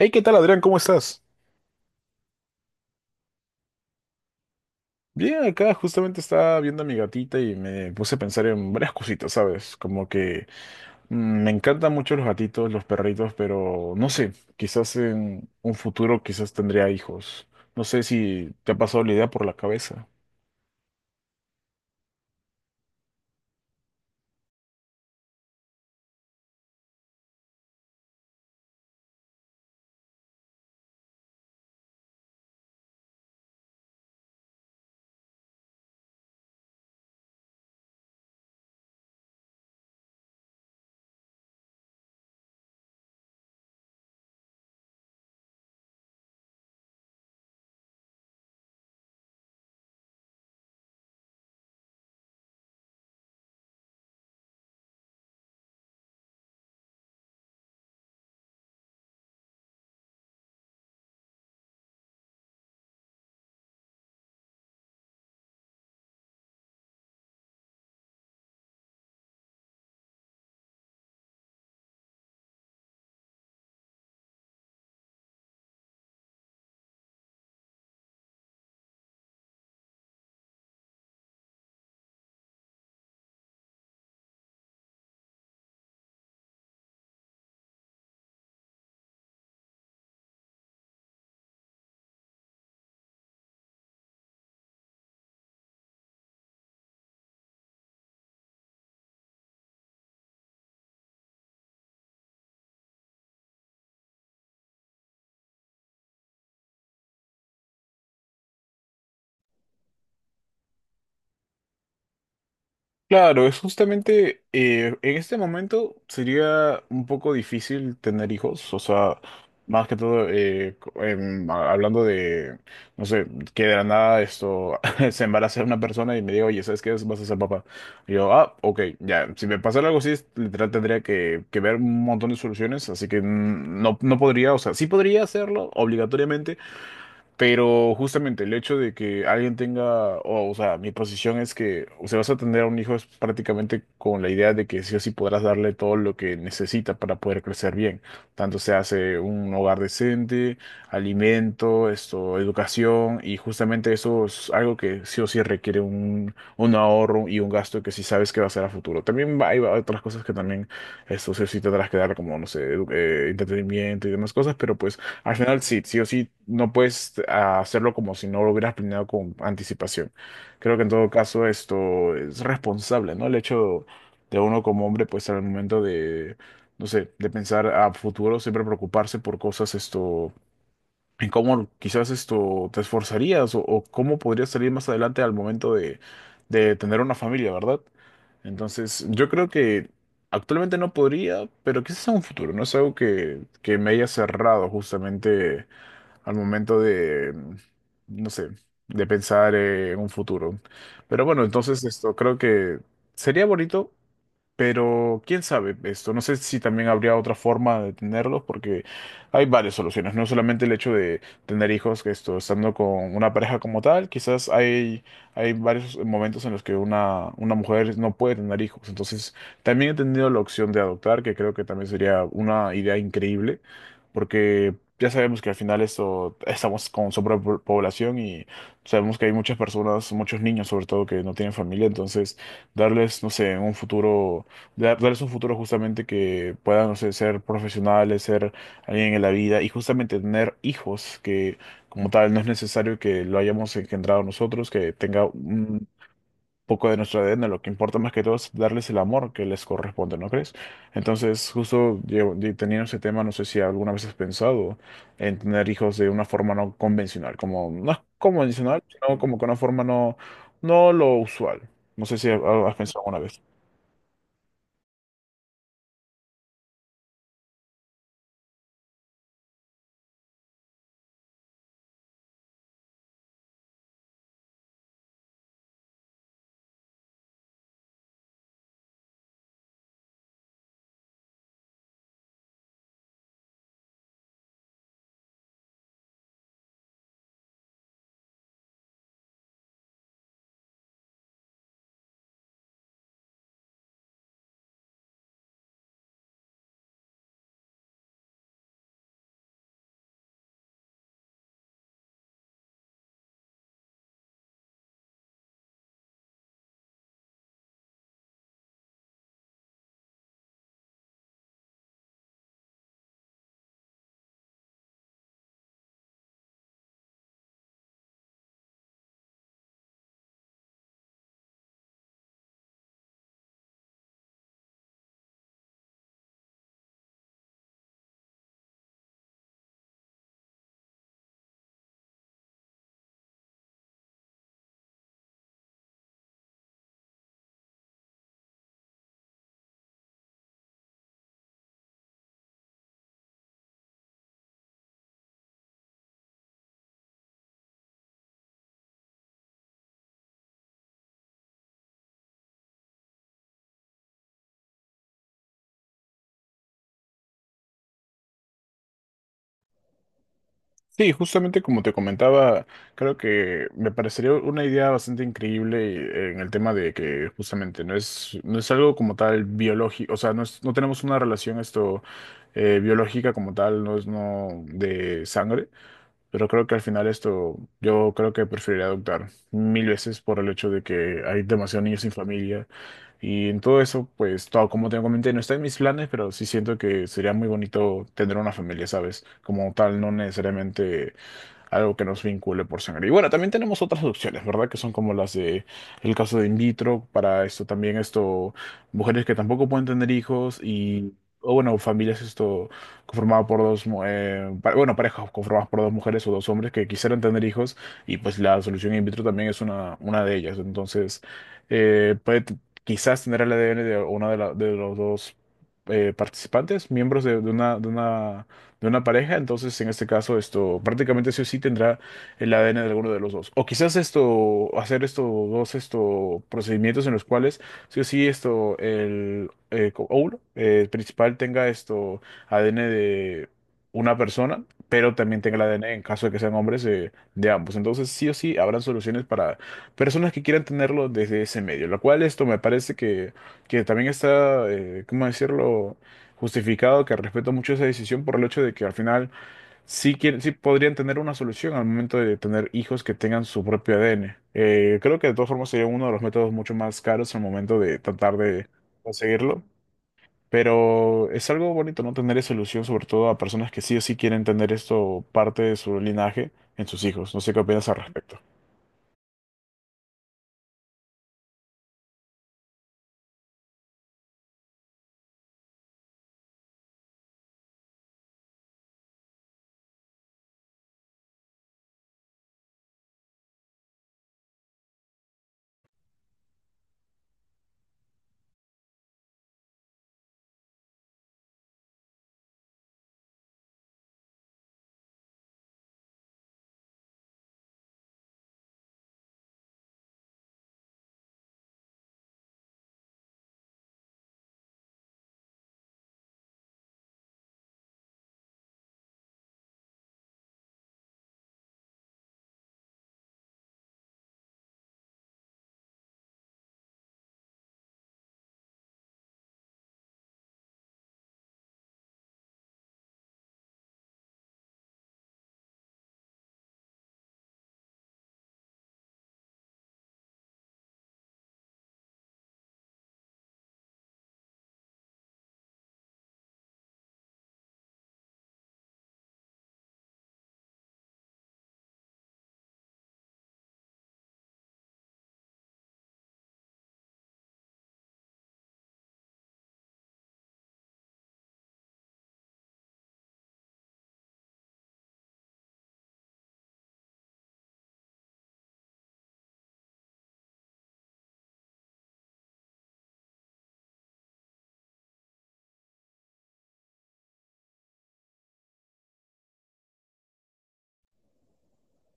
Hey, ¿qué tal, Adrián? ¿Cómo estás? Bien, acá justamente estaba viendo a mi gatita y me puse a pensar en varias cositas, ¿sabes? Como que me encantan mucho los gatitos, los perritos, pero no sé, quizás en un futuro quizás tendría hijos. No sé si te ha pasado la idea por la cabeza. Claro, es justamente en este momento sería un poco difícil tener hijos, o sea, más que todo hablando de, no sé, que de la nada esto se embaraza una persona y me diga, oye, ¿sabes qué? Vas a ser papá. Y yo, ah, ok, ya, si me pasara algo así, literal tendría que, ver un montón de soluciones, así que no, no podría, o sea, sí podría hacerlo obligatoriamente, pero justamente el hecho de que alguien tenga, o sea, mi posición es que, o sea, vas a tener a un hijo es prácticamente con la idea de que sí o sí podrás darle todo lo que necesita para poder crecer bien. Tanto se hace un hogar decente, alimento, esto, educación, y justamente eso es algo que sí o sí requiere un, ahorro y un gasto que sí sabes que va a ser a futuro. También hay otras cosas que también, esto sí o sí tendrás que dar, como, no sé, entretenimiento y demás cosas, pero pues. Al final sí, sí o sí, no puedes hacerlo como si no lo hubieras planeado con anticipación. Creo que en todo caso esto es responsable, ¿no? El hecho de uno como hombre, pues al momento de, no sé, de pensar a futuro, siempre preocuparse por cosas esto, en cómo quizás esto te esforzarías o, cómo podrías salir más adelante al momento de tener una familia, ¿verdad? Entonces, yo creo que actualmente no podría, pero quizás en un futuro, ¿no? Es algo que, me haya cerrado justamente al momento de, no sé, de pensar en un futuro. Pero bueno, entonces esto creo que sería bonito pero quién sabe esto, no sé si también habría otra forma de tenerlos, porque hay varias soluciones, no solamente el hecho de tener hijos, que esto, estando con una pareja como tal, quizás hay, varios momentos en los que una, mujer no puede tener hijos, entonces también he tenido la opción de adoptar, que creo que también sería una idea increíble, porque ya sabemos que al final esto, estamos con sobrepoblación y sabemos que hay muchas personas, muchos niños sobre todo, que no tienen familia, entonces darles, no sé, en un futuro darles un futuro justamente que puedan, no sé, ser profesionales, ser alguien en la vida y justamente tener hijos que como tal no es necesario que lo hayamos engendrado nosotros, que tenga un poco de nuestro ADN, lo que importa más que todo es darles el amor que les corresponde, ¿no crees? Entonces, justo teniendo ese tema, no sé si alguna vez has pensado en tener hijos de una forma no convencional, como no es convencional, sino como que una forma no, no lo usual. No sé si has pensado alguna vez. Sí, justamente como te comentaba, creo que me parecería una idea bastante increíble en el tema de que justamente no es, algo como tal biológico, o sea, no, no tenemos una relación esto biológica como tal, no es no de sangre, pero creo que al final esto yo creo que preferiría adoptar 1.000 veces por el hecho de que hay demasiados niños sin familia y en todo eso, pues todo como te comenté, no está en mis planes, pero sí siento que sería muy bonito tener una familia, ¿sabes? Como tal, no necesariamente algo que nos vincule por sangre. Y bueno, también tenemos otras opciones, ¿verdad? Que son como las de el caso de in vitro, para esto también, esto, mujeres que tampoco pueden tener hijos y, o bueno, familias esto conformadas por dos, bueno, parejas conformadas por dos mujeres o dos hombres que quisieran tener hijos y pues la solución in vitro también es una, de ellas. Entonces, eh, puede t- quizás tener el ADN de una de, de los dos participantes, miembros de una, de una pareja, entonces en este caso esto prácticamente sí o sí tendrá el ADN de alguno de los dos. O quizás esto, hacer estos dos esto, procedimientos en los cuales sí o sí esto, el óvulo principal tenga esto ADN de una persona, pero también tenga el ADN en caso de que sean hombres de ambos. Entonces sí o sí habrán soluciones para personas que quieran tenerlo desde ese medio, lo cual esto me parece que, también está, ¿cómo decirlo? Justificado, que respeto mucho esa decisión por el hecho de que al final sí, quieren, sí podrían tener una solución al momento de tener hijos que tengan su propio ADN. Creo que de todas formas sería uno de los métodos mucho más caros al momento de tratar de conseguirlo, pero es algo bonito no tener esa solución, sobre todo a personas que sí o sí quieren tener esto parte de su linaje en sus hijos. No sé qué opinas al respecto.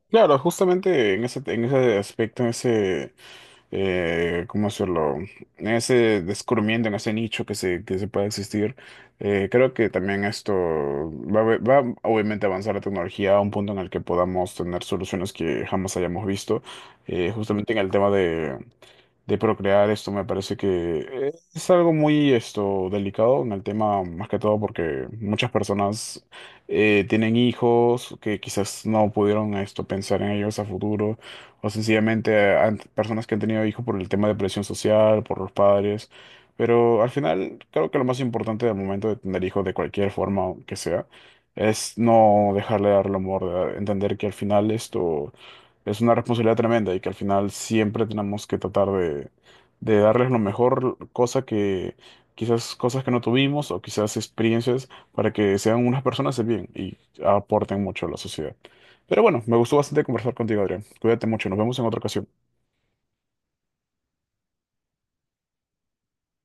Claro, justamente en ese aspecto, en ese, ¿cómo hacerlo? Ese descubrimiento en ese nicho que se, pueda existir. Creo que también esto va, a ve- va a, obviamente a avanzar la tecnología a un punto en el que podamos tener soluciones que jamás hayamos visto. Justamente en el tema de procrear esto me parece que es algo muy esto delicado en el tema más que todo porque muchas personas tienen hijos que quizás no pudieron esto pensar en ellos a futuro o sencillamente personas que han tenido hijos por el tema de presión social, por los padres, pero al final creo que lo más importante del momento de tener hijos de cualquier forma que sea es no dejarle dar el amor, entender que al final esto es una responsabilidad tremenda y que al final siempre tenemos que tratar de, darles lo mejor, cosa que quizás cosas que no tuvimos o quizás experiencias para que sean unas personas de bien y aporten mucho a la sociedad. Pero bueno, me gustó bastante conversar contigo, Adrián. Cuídate mucho, nos vemos en otra ocasión.